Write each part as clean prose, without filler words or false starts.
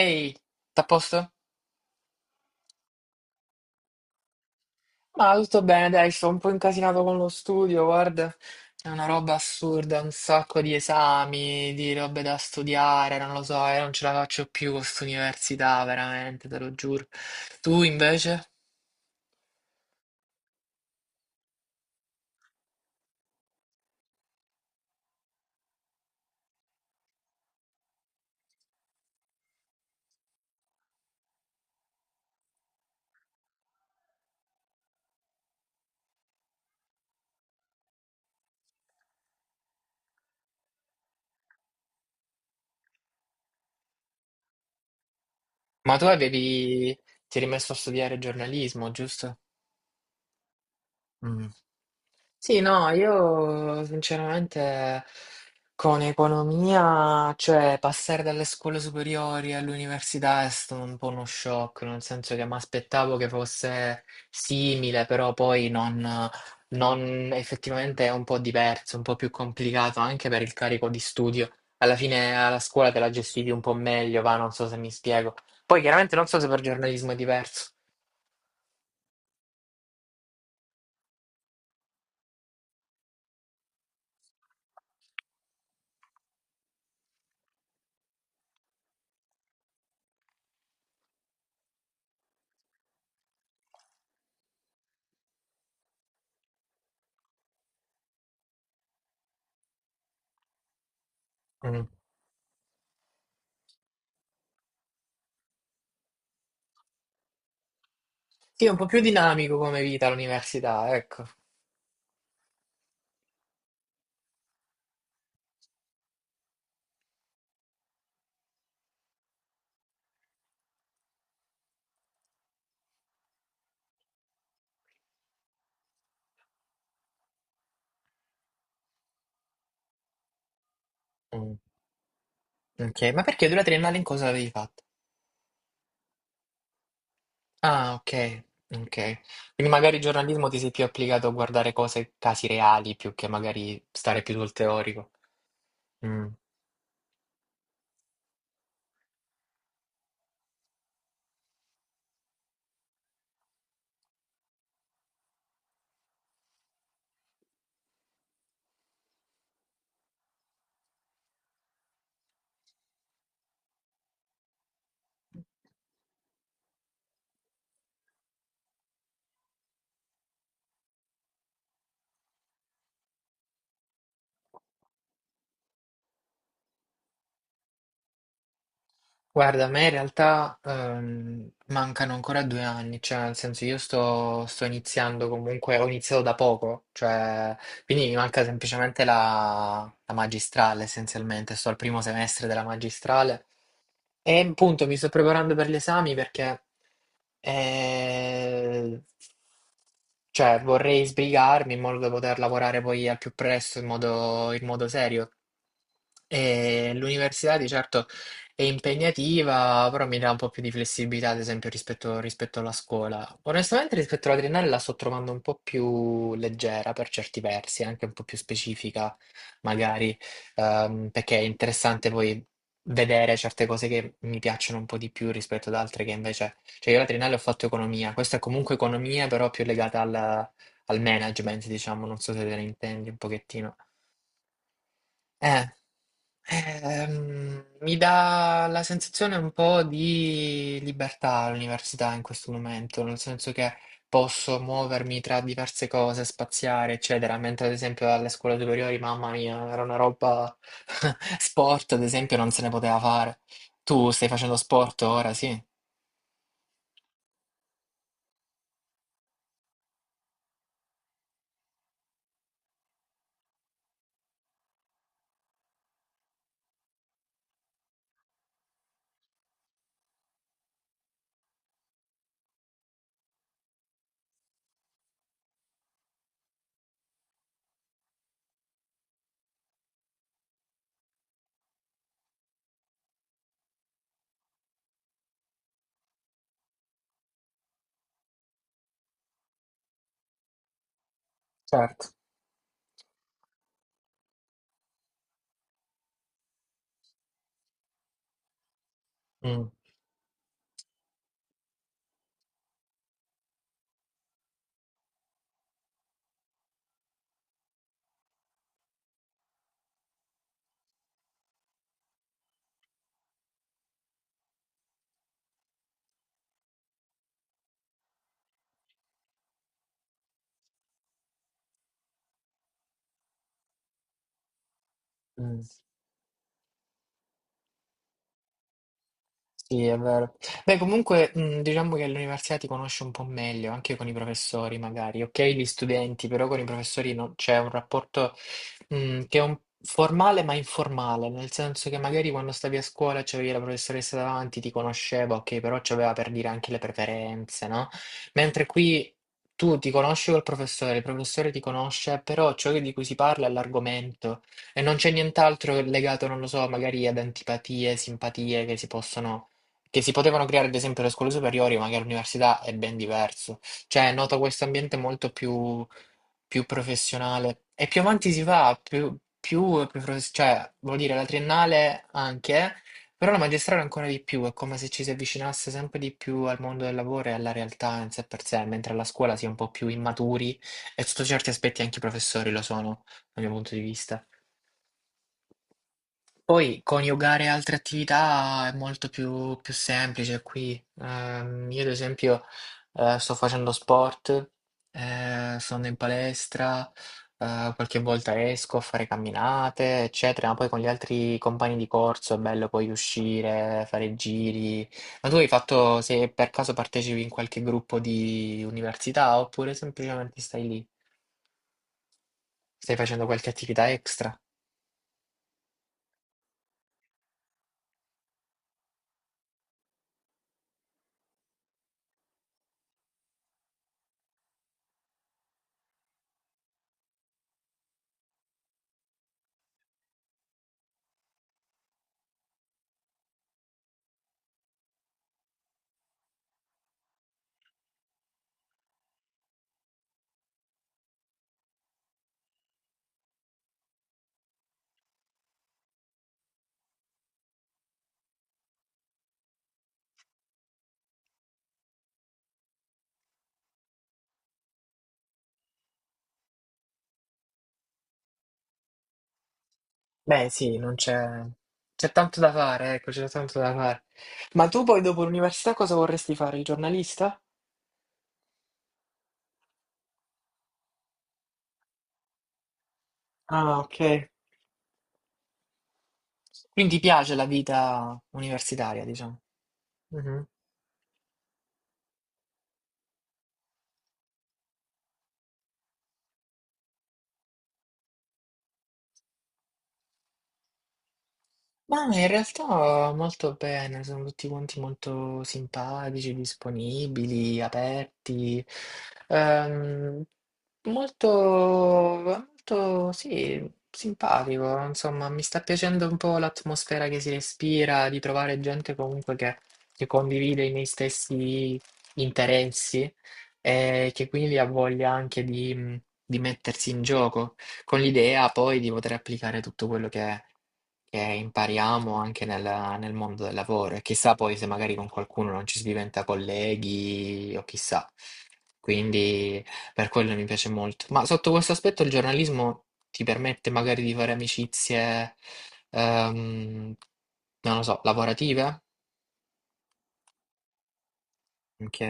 Ehi, t'à posto? Ma tutto bene, dai, sto un po' incasinato con lo studio, guarda. È una roba assurda, un sacco di esami, di robe da studiare, non lo so, io non ce la faccio più con quest'università, veramente, te lo giuro. Tu invece? Ma tu avevi... ti eri messo a studiare giornalismo, giusto? Mm. Sì, no, io sinceramente con economia, cioè passare dalle scuole superiori all'università è stato un po' uno shock, nel senso che mi aspettavo che fosse simile, però poi effettivamente è un po' diverso, un po' più complicato anche per il carico di studio. Alla fine alla scuola te la gestivi un po' meglio, va, non so se mi spiego. Poi chiaramente non so se per giornalismo è diverso. Mm. Sì, è un po' più dinamico come vita l'università, ecco. Mm, ok, ma perché tu la triennale in cosa l'avevi fatta? Ah, ok, ok. Quindi magari il giornalismo ti sei più applicato a guardare cose, casi reali, più che magari stare più sul teorico. Mm. Guarda, a me in realtà mancano ancora due anni, cioè nel senso io sto, iniziando comunque, ho iniziato da poco, cioè quindi mi manca semplicemente la magistrale essenzialmente, sto al primo semestre della magistrale e appunto mi sto preparando per gli esami perché eh, cioè, vorrei sbrigarmi in modo da poter lavorare poi al più presto in modo serio. E l'università di certo è impegnativa, però mi dà un po' più di flessibilità, ad esempio, rispetto alla scuola. Onestamente, rispetto all'adriennale la sto trovando un po' più leggera per certi versi, anche un po' più specifica, magari, perché è interessante poi vedere certe cose che mi piacciono un po' di più rispetto ad altre che invece... Cioè, io all'adriennale ho fatto economia, questa è comunque economia, però più legata al management, diciamo, non so se te ne intendi un pochettino. Eh, Mi dà la sensazione un po' di libertà l'università in questo momento, nel senso che posso muovermi tra diverse cose, spaziare, eccetera, mentre ad esempio alle scuole superiori, mamma mia, era una roba sport, ad esempio, non se ne poteva fare. Tu stai facendo sport ora, sì? Certo. Mm, mm. Sì, è vero. Beh, comunque, diciamo che all'università ti conosci un po' meglio, anche con i professori, magari. Ok, gli studenti, però con i professori c'è un rapporto, che è formale ma informale, nel senso che magari quando stavi a scuola c'avevi la professoressa davanti, ti conosceva, ok, però c'aveva per dire anche le preferenze, no? Mentre qui tu ti conosci col professore, il professore ti conosce, però ciò di cui si parla è l'argomento. E non c'è nient'altro legato, non lo so, magari ad antipatie, simpatie che si potevano creare ad esempio le scuole superiori, ma che all'università è ben diverso. Cioè, noto questo ambiente molto più, più professionale. E più avanti si va, cioè, vuol dire la triennale anche, però la magistrale ancora di più, è come se ci si avvicinasse sempre di più al mondo del lavoro e alla realtà in sé per sé, mentre alla scuola si è un po' più immaturi e sotto certi aspetti anche i professori lo sono, dal mio punto di vista. Poi coniugare altre attività è molto più, più semplice qui. Io ad esempio sto facendo sport, sono in palestra, qualche volta esco a fare camminate, eccetera, ma poi con gli altri compagni di corso è bello poi uscire, fare giri. Ma tu hai fatto, se per caso partecipi in qualche gruppo di università oppure semplicemente stai lì, stai facendo qualche attività extra? Beh, sì, non c'è c'è tanto da fare, ecco, c'è tanto da fare. Ma tu poi dopo l'università cosa vorresti fare? Il giornalista? Ah, ok. Quindi ti piace la vita universitaria, diciamo. Mhm. Ma in realtà molto bene, sono tutti quanti molto simpatici, disponibili, aperti, ehm, molto, molto, sì, simpatico, insomma, mi sta piacendo un po' l'atmosfera che si respira, di trovare gente comunque che condivide i miei stessi interessi e che quindi ha voglia anche di mettersi in gioco, con l'idea poi di poter applicare tutto quello che impariamo anche nel mondo del lavoro e chissà poi se magari con qualcuno non ci si diventa colleghi o chissà. Quindi per quello mi piace molto. Ma sotto questo aspetto il giornalismo ti permette magari di fare amicizie, ehm, non lo so, lavorative? Ok.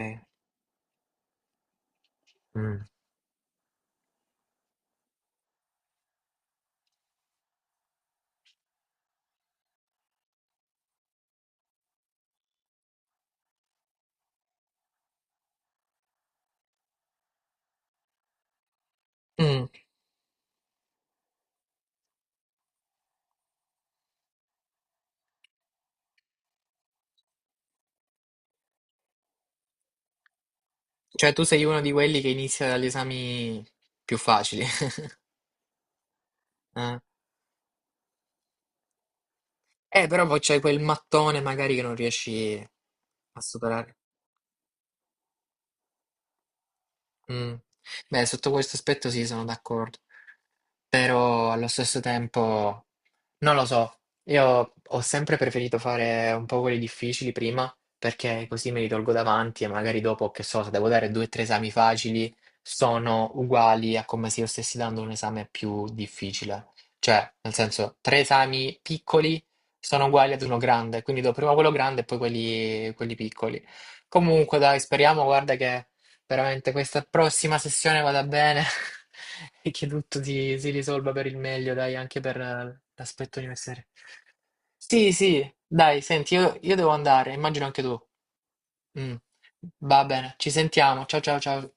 Mm. Mm. Cioè tu sei uno di quelli che inizia dagli esami più facili. Eh, Però poi c'è quel mattone magari che non riesci a superare. Mm. Beh, sotto questo aspetto sì, sono d'accordo, però allo stesso tempo non lo so, io ho sempre preferito fare un po' quelli difficili prima perché così me li tolgo davanti e magari dopo, che so, se devo dare due o tre esami facili sono uguali a come se io stessi dando un esame più difficile. Cioè, nel senso, tre esami piccoli sono uguali ad uno grande, quindi do prima quello grande e poi quelli piccoli. Comunque, dai, speriamo, guarda che... Veramente questa prossima sessione vada bene e che tutto si risolva per il meglio, dai, anche per l'aspetto universitario. Sì, sì, dai, senti, io devo andare, immagino anche tu. Mm. Va bene, ci sentiamo. Ciao, ciao, ciao.